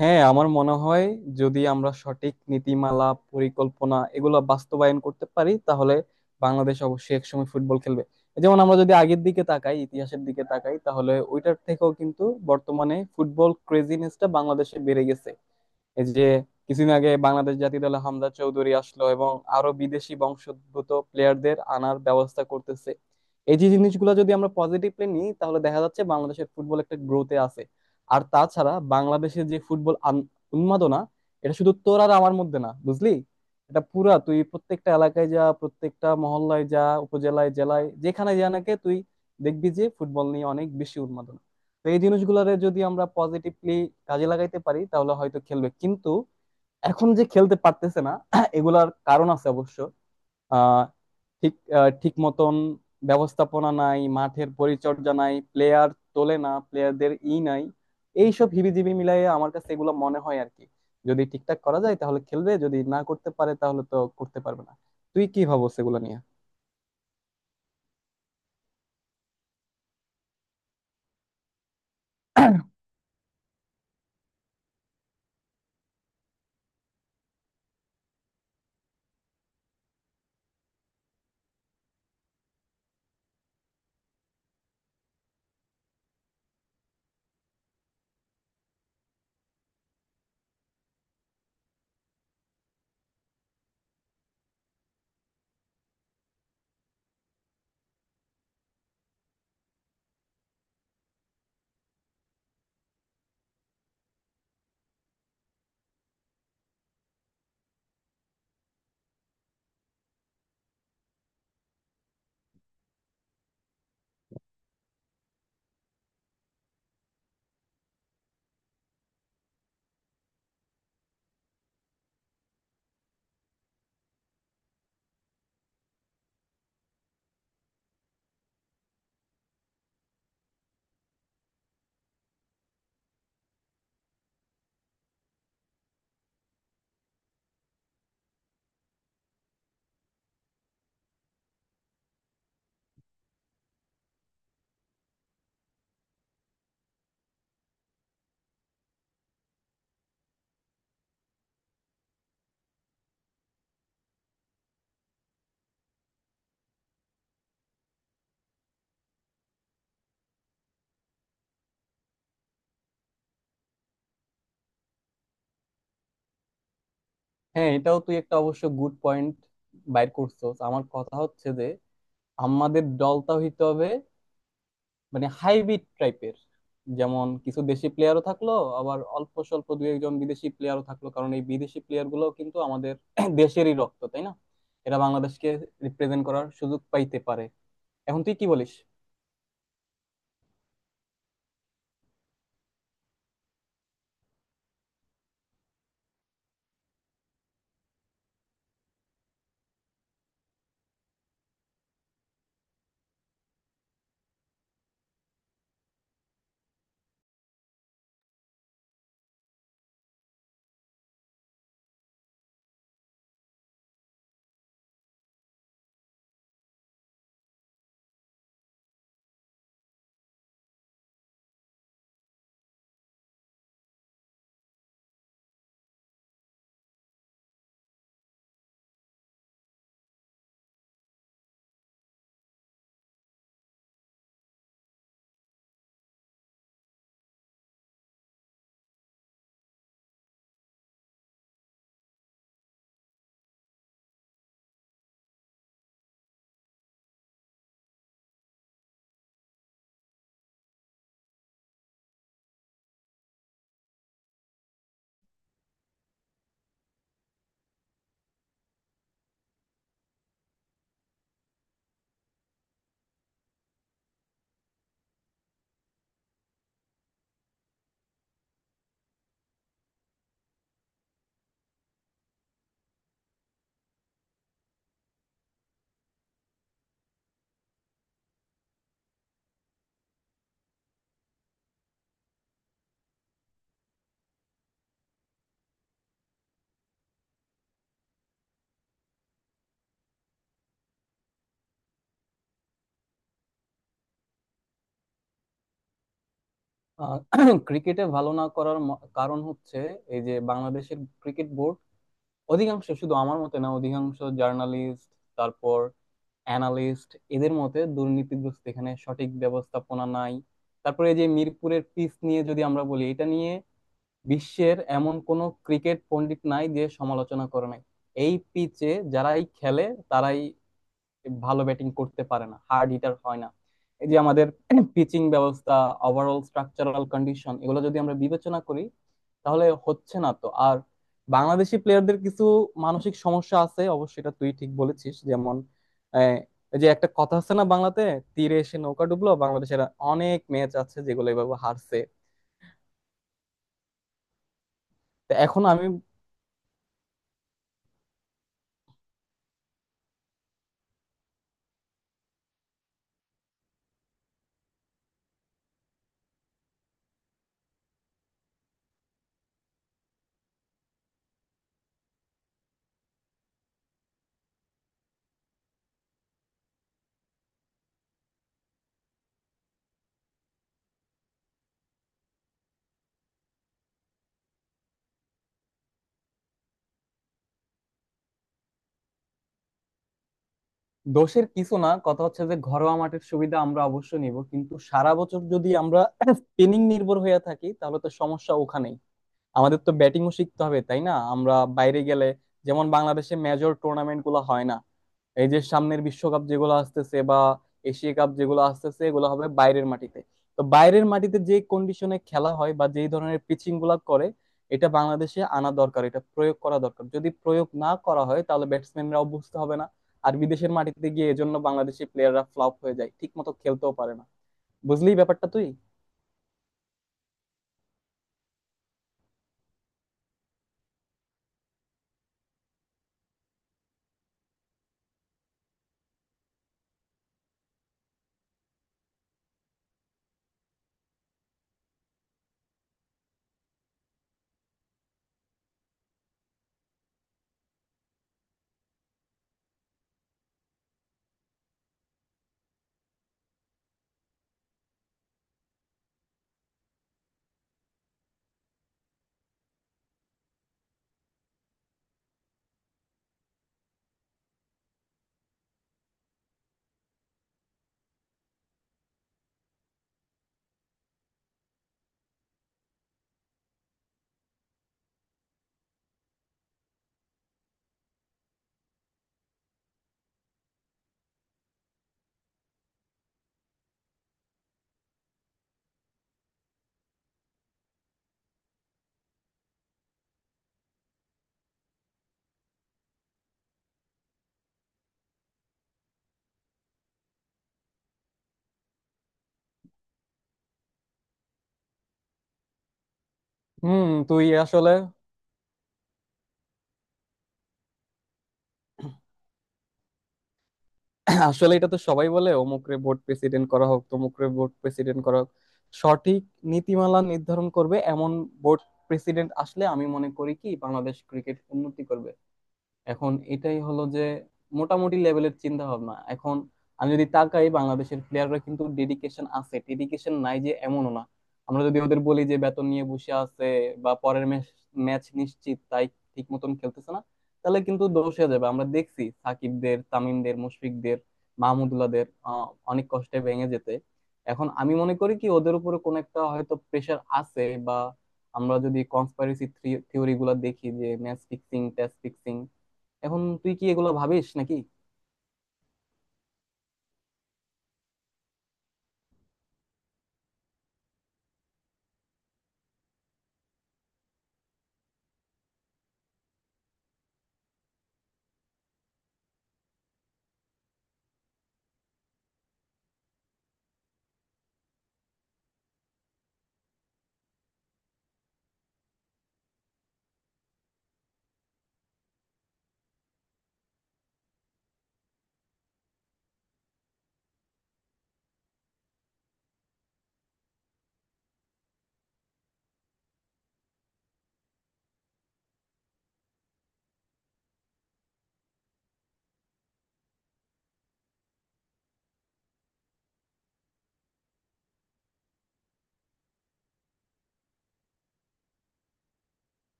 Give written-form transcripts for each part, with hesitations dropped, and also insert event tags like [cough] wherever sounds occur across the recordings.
হ্যাঁ, আমার মনে হয় যদি আমরা সঠিক নীতিমালা, পরিকল্পনা এগুলো বাস্তবায়ন করতে পারি, তাহলে বাংলাদেশ অবশ্যই একসময় ফুটবল খেলবে। যেমন আমরা যদি আগের দিকে তাকাই, ইতিহাসের দিকে তাকাই, তাহলে ওইটার থেকেও কিন্তু বর্তমানে ফুটবল ক্রেজিনেসটা বাংলাদেশে বেড়ে গেছে। এই যে কিছুদিন আগে বাংলাদেশ জাতীয় দলে হামজা চৌধুরী আসলো এবং আরো বিদেশি বংশোদ্ভূত প্লেয়ারদের আনার ব্যবস্থা করতেছে। এই যে জিনিসগুলো যদি আমরা পজিটিভলি নিই, তাহলে দেখা যাচ্ছে বাংলাদেশের ফুটবল একটা গ্রোথে আছে। আর তাছাড়া বাংলাদেশে যে ফুটবল উন্মাদনা, এটা শুধু তোর আর আমার মধ্যে না, বুঝলি। এটা পুরা তুই প্রত্যেকটা এলাকায় যা, প্রত্যেকটা মহল্লায় যা, উপজেলায়, জেলায়, যেখানে যা নাকি, তুই দেখবি যে ফুটবল নিয়ে অনেক বেশি উন্মাদনা। তো এই জিনিসগুলোরে যদি আমরা পজিটিভলি কাজে লাগাইতে পারি, তাহলে হয়তো খেলবে। কিন্তু এখন যে খেলতে পারতেছে না, [clears throat] এগুলার কারণ আছে অবশ্য। আহ, ঠিক ঠিক মতন ব্যবস্থাপনা নাই, মাঠের পরিচর্যা নাই, প্লেয়ার তোলে না, প্লেয়ারদের ই নাই। এইসব হিবিজিবি মিলাইয়ে আমার কাছে এগুলো মনে হয় আর কি। যদি ঠিকঠাক করা যায় তাহলে খেলবে, যদি না করতে পারে তাহলে তো করতে পারবে না। তুই কি ভাবছ এগুলো নিয়ে? হ্যাঁ, এটাও তুই একটা অবশ্য গুড পয়েন্ট বাইর করছো। আমার কথা হচ্ছে যে আমাদের দলটা হইতে হবে মানে হাইব্রিড টাইপের। যেমন কিছু দেশি প্লেয়ারও থাকলো, আবার অল্প স্বল্প দু একজন বিদেশি প্লেয়ারও থাকলো, কারণ এই বিদেশি প্লেয়ার গুলো কিন্তু আমাদের [clears throat] দেশেরই রক্ত, তাই না। এরা বাংলাদেশকে রিপ্রেজেন্ট করার সুযোগ পাইতে পারে। এখন তুই কি বলিস? ক্রিকেটে [clears throat] ভালো না করার কারণ হচ্ছে এই যে বাংলাদেশের ক্রিকেট বোর্ড অধিকাংশ, শুধু আমার মতে না, অধিকাংশ জার্নালিস্ট, তারপর অ্যানালিস্ট, এদের মতে দুর্নীতিগ্রস্ত। এখানে সঠিক ব্যবস্থাপনা নাই। তারপরে এই যে মিরপুরের পিচ নিয়ে যদি আমরা বলি, এটা নিয়ে বিশ্বের এমন কোনো ক্রিকেট পণ্ডিত নাই যে সমালোচনা করে নাই। এই পিচে যারাই খেলে, তারাই ভালো ব্যাটিং করতে পারে না, হার্ড হিটার হয় না। এই যে আমাদের পিচিং ব্যবস্থা, ওভারঅল স্ট্রাকচারাল কন্ডিশন, এগুলো যদি আমরা বিবেচনা করি, তাহলে হচ্ছে না তো আর। বাংলাদেশি প্লেয়ারদের কিছু মানসিক সমস্যা আছে অবশ্যই, এটা তুই ঠিক বলেছিস। যেমন, আহ, এই যে একটা কথা আছে না বাংলাতে, তীরে এসে নৌকা ডুবলো, বাংলাদেশের অনেক ম্যাচ আছে যেগুলো এভাবে হারছে। তো এখন আমি দোষের কিছু না, কথা হচ্ছে যে ঘরোয়া মাঠের সুবিধা আমরা অবশ্যই নিব, কিন্তু সারা বছর যদি আমরা [clears throat] স্পিনিং নির্ভর হয়ে থাকি, তাহলে তো সমস্যা ওখানেই। আমাদের তো ব্যাটিংও শিখতে হবে, তাই না, আমরা বাইরে গেলে। যেমন বাংলাদেশে মেজর টুর্নামেন্ট গুলো হয় না। এই যে সামনের বিশ্বকাপ যেগুলো আসতেছে, বা এশিয়া কাপ যেগুলো আসতেছে, এগুলো হবে বাইরের মাটিতে। তো বাইরের মাটিতে যে কন্ডিশনে খেলা হয় বা যেই ধরনের পিচিং গুলা করে, এটা বাংলাদেশে আনা দরকার, এটা প্রয়োগ করা দরকার। যদি প্রয়োগ না করা হয় তাহলে ব্যাটসম্যানরাও বুঝতে হবে না। আর বিদেশের মাটিতে গিয়ে এজন্য বাংলাদেশি প্লেয়াররা ফ্লপ হয়ে যায়, ঠিক মতো খেলতেও পারে না। বুঝলি ব্যাপারটা তুই? হুম, তুই আসলে আসলে এটা তো সবাই বলে অমুকরে ভোট প্রেসিডেন্ট করা হোক, তমুকরে ভোট প্রেসিডেন্ট করা হোক। সঠিক নীতিমালা নির্ধারণ করবে এমন ভোট প্রেসিডেন্ট আসলে, আমি মনে করি কি বাংলাদেশ ক্রিকেট উন্নতি করবে। এখন এটাই হলো যে মোটামুটি লেভেলের চিন্তা ভাবনা। এখন আমি যদি তাকাই, বাংলাদেশের প্লেয়াররা কিন্তু ডেডিকেশন আছে, ডেডিকেশন নাই যে এমনও না। আমরা যদি ওদের বলি যে বেতন নিয়ে বসে আছে বা পরের ম্যাচ নিশ্চিত, তাই ঠিক মতন খেলতেছে না, তাহলে কিন্তু দোষ হয়ে যাবে। আমরা দেখছি সাকিবদের, তামিমদের, মুশফিকদের, মাহমুদুল্লাহদের অনেক কষ্টে ভেঙে যেতে। এখন আমি মনে করি কি ওদের উপরে কোনো একটা হয়তো প্রেশার আছে, বা আমরা যদি কনস্পাইরেসি থিওরি গুলা দেখি, যে ম্যাচ ফিক্সিং, টেস্ট ফিক্সিং। এখন তুই কি এগুলো ভাবিস নাকি?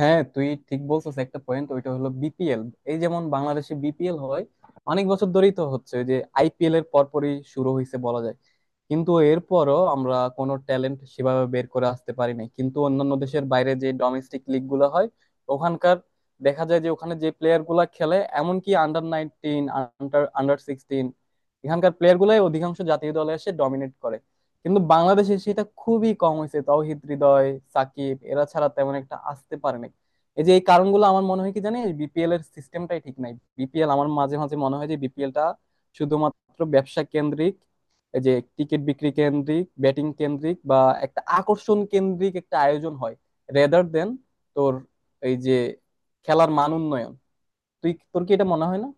হ্যাঁ, তুই ঠিক বলছিস একটা পয়েন্ট, ওইটা হলো বিপিএল। এই যেমন বাংলাদেশে বিপিএল হয় অনেক বছর ধরেই তো হচ্ছে, ওই যে আইপিএল এর পরপরই শুরু হয়েছে বলা যায়। কিন্তু এরপরও আমরা কোনো ট্যালেন্ট সেভাবে বের করে আসতে পারি নাই। কিন্তু অন্যান্য দেশের বাইরে যে ডোমেস্টিক লিগ গুলো হয়, ওখানকার দেখা যায় যে ওখানে যে প্লেয়ার গুলা খেলে, এমনকি আন্ডার 19, আন্ডার আন্ডার 16, এখানকার প্লেয়ার গুলাই অধিকাংশ জাতীয় দলে এসে ডমিনেট করে। কিন্তু বাংলাদেশে সেটা খুবই কম হয়েছে। তাওহিদ হৃদয়, সাকিব, এরা ছাড়া তেমন একটা আসতে পারেনি। এই যে এই কারণগুলো আমার মনে হয় কি জানিস, বিপিএল এর সিস্টেমটাই ঠিক নাই। বিপিএল আমার মাঝে মাঝে মনে হয় যে বিপিএলটা শুধুমাত্র ব্যবসা কেন্দ্রিক, এই যে টিকিট বিক্রি কেন্দ্রিক, ব্যাটিং কেন্দ্রিক, বা একটা আকর্ষণ কেন্দ্রিক একটা আয়োজন হয়, রেদার দেন তোর এই যে খেলার মান উন্নয়ন। তুই তোর কি এটা মনে হয় না?